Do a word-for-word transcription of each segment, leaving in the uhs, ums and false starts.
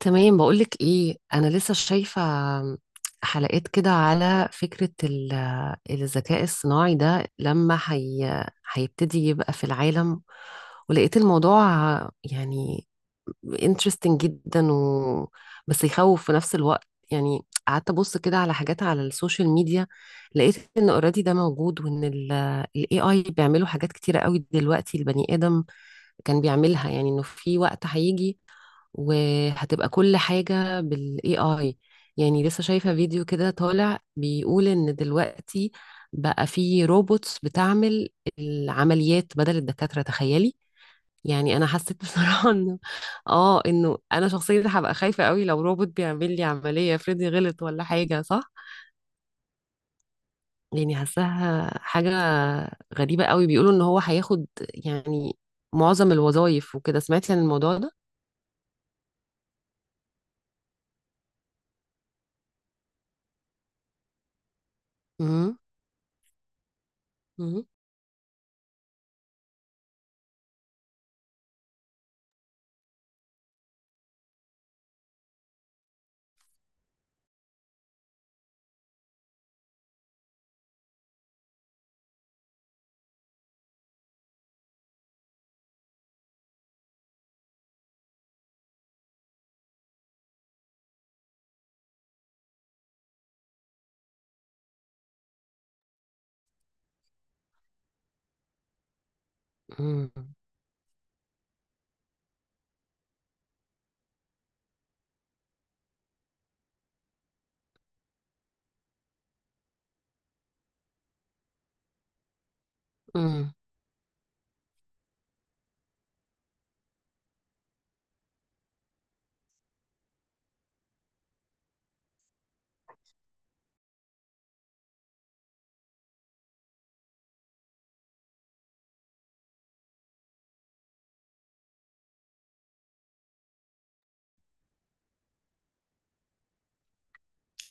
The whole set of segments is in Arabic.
تمام، بقولك ايه، انا لسه شايفة حلقات كده على فكرة ال- الذكاء الصناعي ده لما هي هيبتدي يبقى في العالم، ولقيت الموضوع يعني interesting جدا و... بس يخوف في نفس الوقت. يعني قعدت ابص كده على حاجات على السوشيال ميديا، لقيت ان اوريدي ده موجود، وان الاي اي بيعملوا حاجات كتيرة قوي دلوقتي البني ادم كان بيعملها. يعني انه في وقت هيجي وهتبقى كل حاجة بالاي اي. يعني لسه شايفة فيديو كده طالع بيقول ان دلوقتي بقى في روبوتس بتعمل العمليات بدل الدكاترة، تخيلي. يعني انا حسيت بصراحة انه اه انه انا شخصيا هبقى خايفة قوي لو روبوت بيعمل لي عملية، افرضي غلط ولا حاجة، صح؟ يعني حاساها حاجة غريبة قوي. بيقولوا ان هو هياخد يعني معظم الوظائف وكده. سمعتي عن الموضوع ده؟ امم. امم. امم.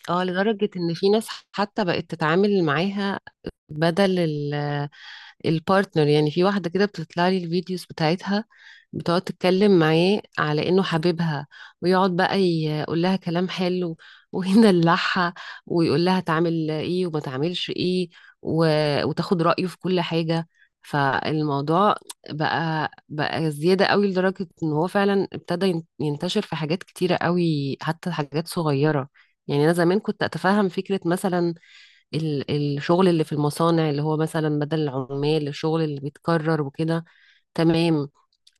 اه، لدرجة ان في ناس حتى بقت تتعامل معاها بدل ال- البارتنر. يعني في واحدة كده بتطلع لي الفيديوز بتاعتها، بتقعد تتكلم معاه على انه حبيبها، ويقعد بقى يقول لها كلام حلو ويدلعها، ويقول لها تعمل ايه وما تعملش ايه، و... وتاخد رأيه في كل حاجة. فالموضوع بقى بقى زيادة قوي، لدرجة ان هو فعلا ابتدى ين- ينتشر في حاجات كتيرة قوي، حتى حاجات صغيرة. يعني انا زمان كنت اتفهم فكرة مثلا ال- الشغل اللي في المصانع، اللي هو مثلا بدل العمال الشغل اللي بيتكرر وكده، تمام.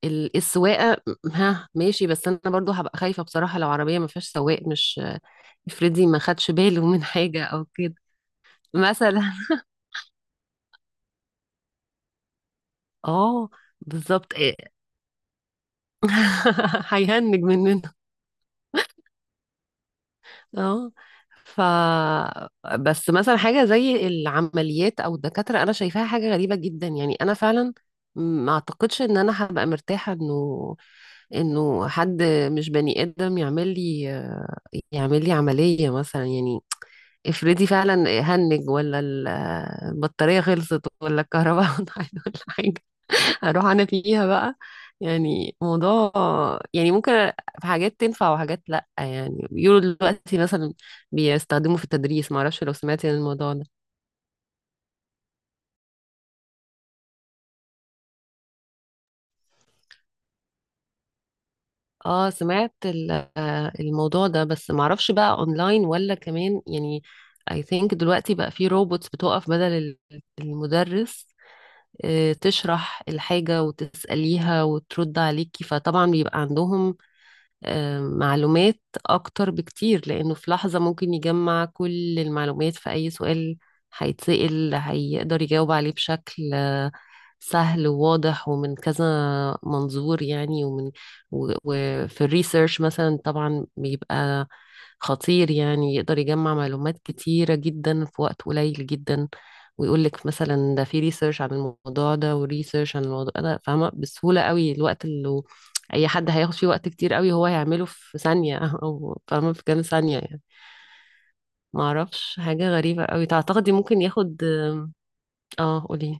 ال- السواقة م- ها ماشي، بس انا برضو هبقى خايفة بصراحة لو عربية ما فيهاش سواق، مش افرضي ما خدش باله من حاجة او كده. مثلا، اه، بالظبط إيه. هيهنج مننا. اه. ف بس مثلا حاجة زي العمليات او الدكاترة انا شايفاها حاجة غريبة جدا. يعني انا فعلا ما اعتقدش ان انا هبقى مرتاحة انه انه حد مش بني ادم يعمل لي يعمل لي عملية مثلا. يعني افرضي فعلا هنج، ولا ال- البطارية خلصت، ولا الكهرباء قطعت ولا حاجة، هروح انا فيها بقى. يعني موضوع، يعني ممكن. في حاجات تنفع وحاجات لا. يعني بيقولوا دلوقتي مثلا بيستخدموا في التدريس، معرفش لو سمعتي عن الموضوع ده. اه سمعت ال- آه، الموضوع ده، بس معرفش بقى اونلاين ولا كمان يعني. I think دلوقتي بقى في روبوتس بتقف بدل ال- المدرس، آه، تشرح الحاجة وتسأليها وترد عليكي. فطبعا بيبقى عندهم آه، معلومات أكتر بكتير، لأنه في لحظة ممكن يجمع كل المعلومات في أي سؤال هيتسأل، هيقدر يجاوب عليه بشكل آه، سهل وواضح، ومن كذا منظور يعني، ومن و- وفي الريسيرش مثلا طبعا بيبقى خطير، يعني يقدر يجمع معلومات كتيرة جدا في وقت قليل جدا. ويقول لك مثلا ده في ريسيرش عن الموضوع ده وريسيرش عن الموضوع ده، فاهمة؟ بسهولة قوي، الوقت اللي اي حد هياخد فيه وقت كتير قوي هو هيعمله في ثانية او فاهمة في كام ثانية. يعني ما اعرفش، حاجة غريبة قوي. تعتقدي ممكن ياخد؟ اه قولي.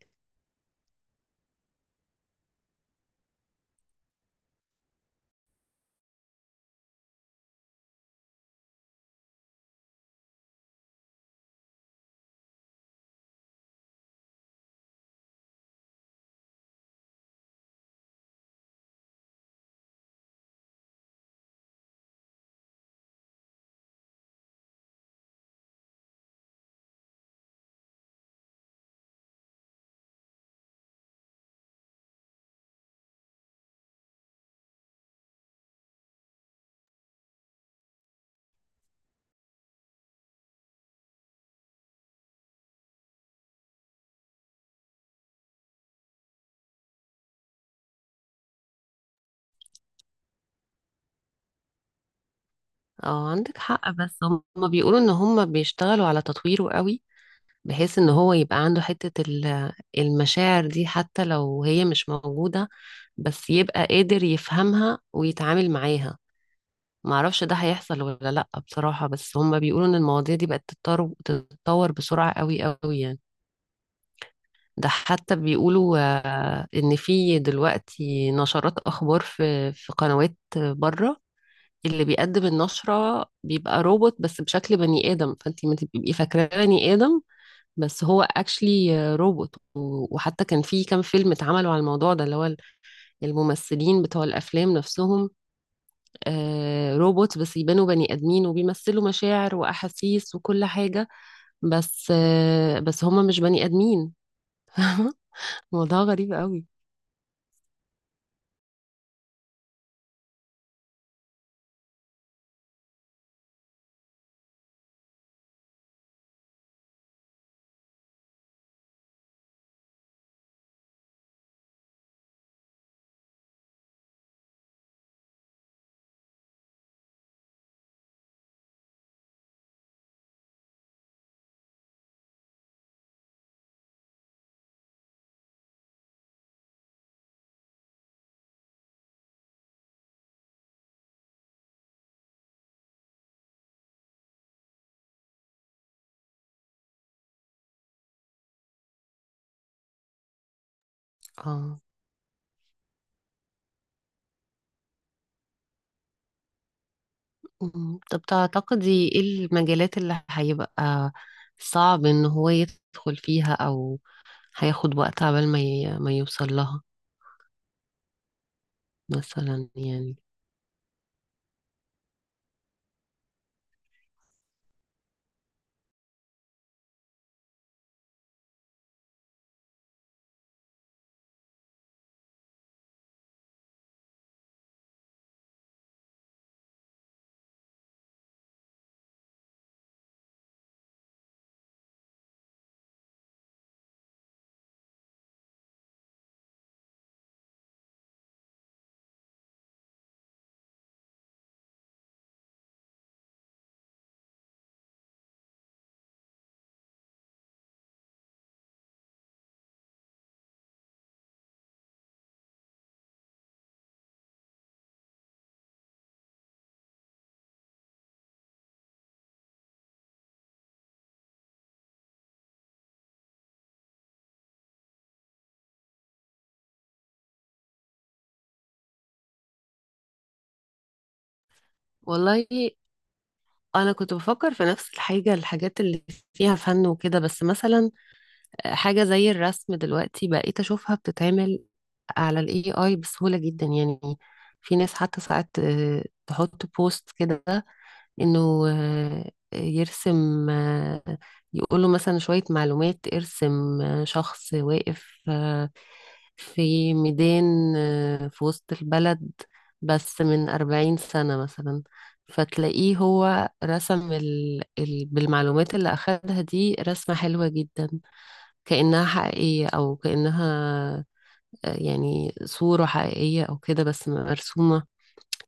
اه عندك حق، بس هم بيقولوا ان هم بيشتغلوا على تطويره قوي، بحيث ان هو يبقى عنده حتة ال- المشاعر دي، حتى لو هي مش موجودة، بس يبقى قادر يفهمها ويتعامل معاها. معرفش ده هيحصل ولا لأ بصراحة، بس هم بيقولوا ان المواضيع دي بقت تتطور تتطور بسرعة قوي قوي يعني. ده حتى بيقولوا آه، ان في دلوقتي نشرات اخبار في في قنوات بره، اللي بيقدم النشرة بيبقى روبوت، بس بشكل بني آدم، فانتي ما تبقي فاكراه بني آدم، بس هو اكشلي روبوت. و- وحتى كان في كام فيلم اتعملوا على الموضوع ده، اللي هو الممثلين بتوع الافلام نفسهم آه، روبوت، بس يبانوا بني ادمين، وبيمثلوا مشاعر واحاسيس وكل حاجة، بس آه، بس هما مش بني ادمين. موضوع غريب قوي. اه. مم. طب تعتقدي ايه المجالات اللي هيبقى صعب ان هو يدخل فيها، او هياخد وقت عبال ما ي- ما يوصل لها، مثلا يعني؟ والله انا كنت بفكر في نفس الحاجة، الحاجات اللي فيها فن وكده. بس مثلا حاجة زي الرسم دلوقتي بقيت اشوفها بتتعمل على الاي اي بسهولة جدا. يعني في ناس حتى ساعات آه، تحط بوست كده انه آه، يرسم، آه، يقوله مثلا شوية معلومات، ارسم آه، شخص واقف آه، في ميدان آه، في وسط البلد، بس من أربعين سنة مثلا. فتلاقيه هو رسم ال... ال... بالمعلومات اللي أخدها دي رسمة حلوة جدا، كأنها حقيقية، أو كأنها آه، يعني صورة حقيقية أو كده، بس مرسومة.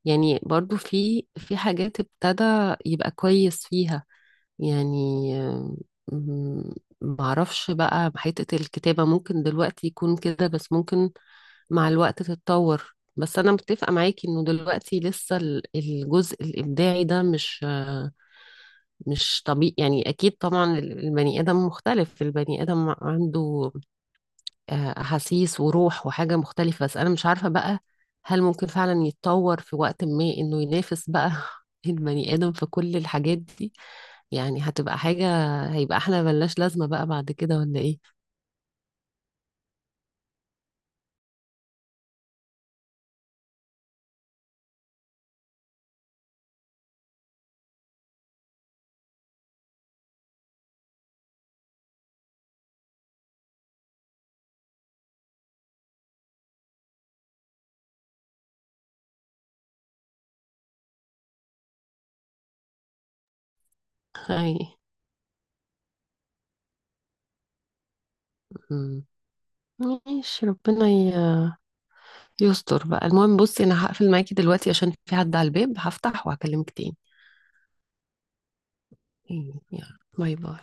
يعني برضو في في حاجات ابتدى يبقى كويس فيها. يعني م- معرفش بقى حتة الكتابة ممكن دلوقتي يكون كده، بس ممكن مع الوقت تتطور. بس أنا متفقة معاكي إنه دلوقتي لسه ال- الجزء الإبداعي ده مش آه، مش طبيعي. يعني أكيد طبعا ال- البني آدم مختلف، البني آدم عنده آه، أحاسيس وروح وحاجة مختلفة. بس أنا مش عارفة بقى هل ممكن فعلا يتطور في وقت ما إنه ينافس بقى البني آدم في كل الحاجات دي. يعني هتبقى حاجة، هيبقى احنا ملناش لازمة بقى بعد كده ولا إيه؟ هاي. مم. ماشي، ربنا ي- يستر بقى. المهم، بصي أنا هقفل معاكي دلوقتي عشان في حد على الباب، هفتح وهكلمك تاني. يلا باي باي.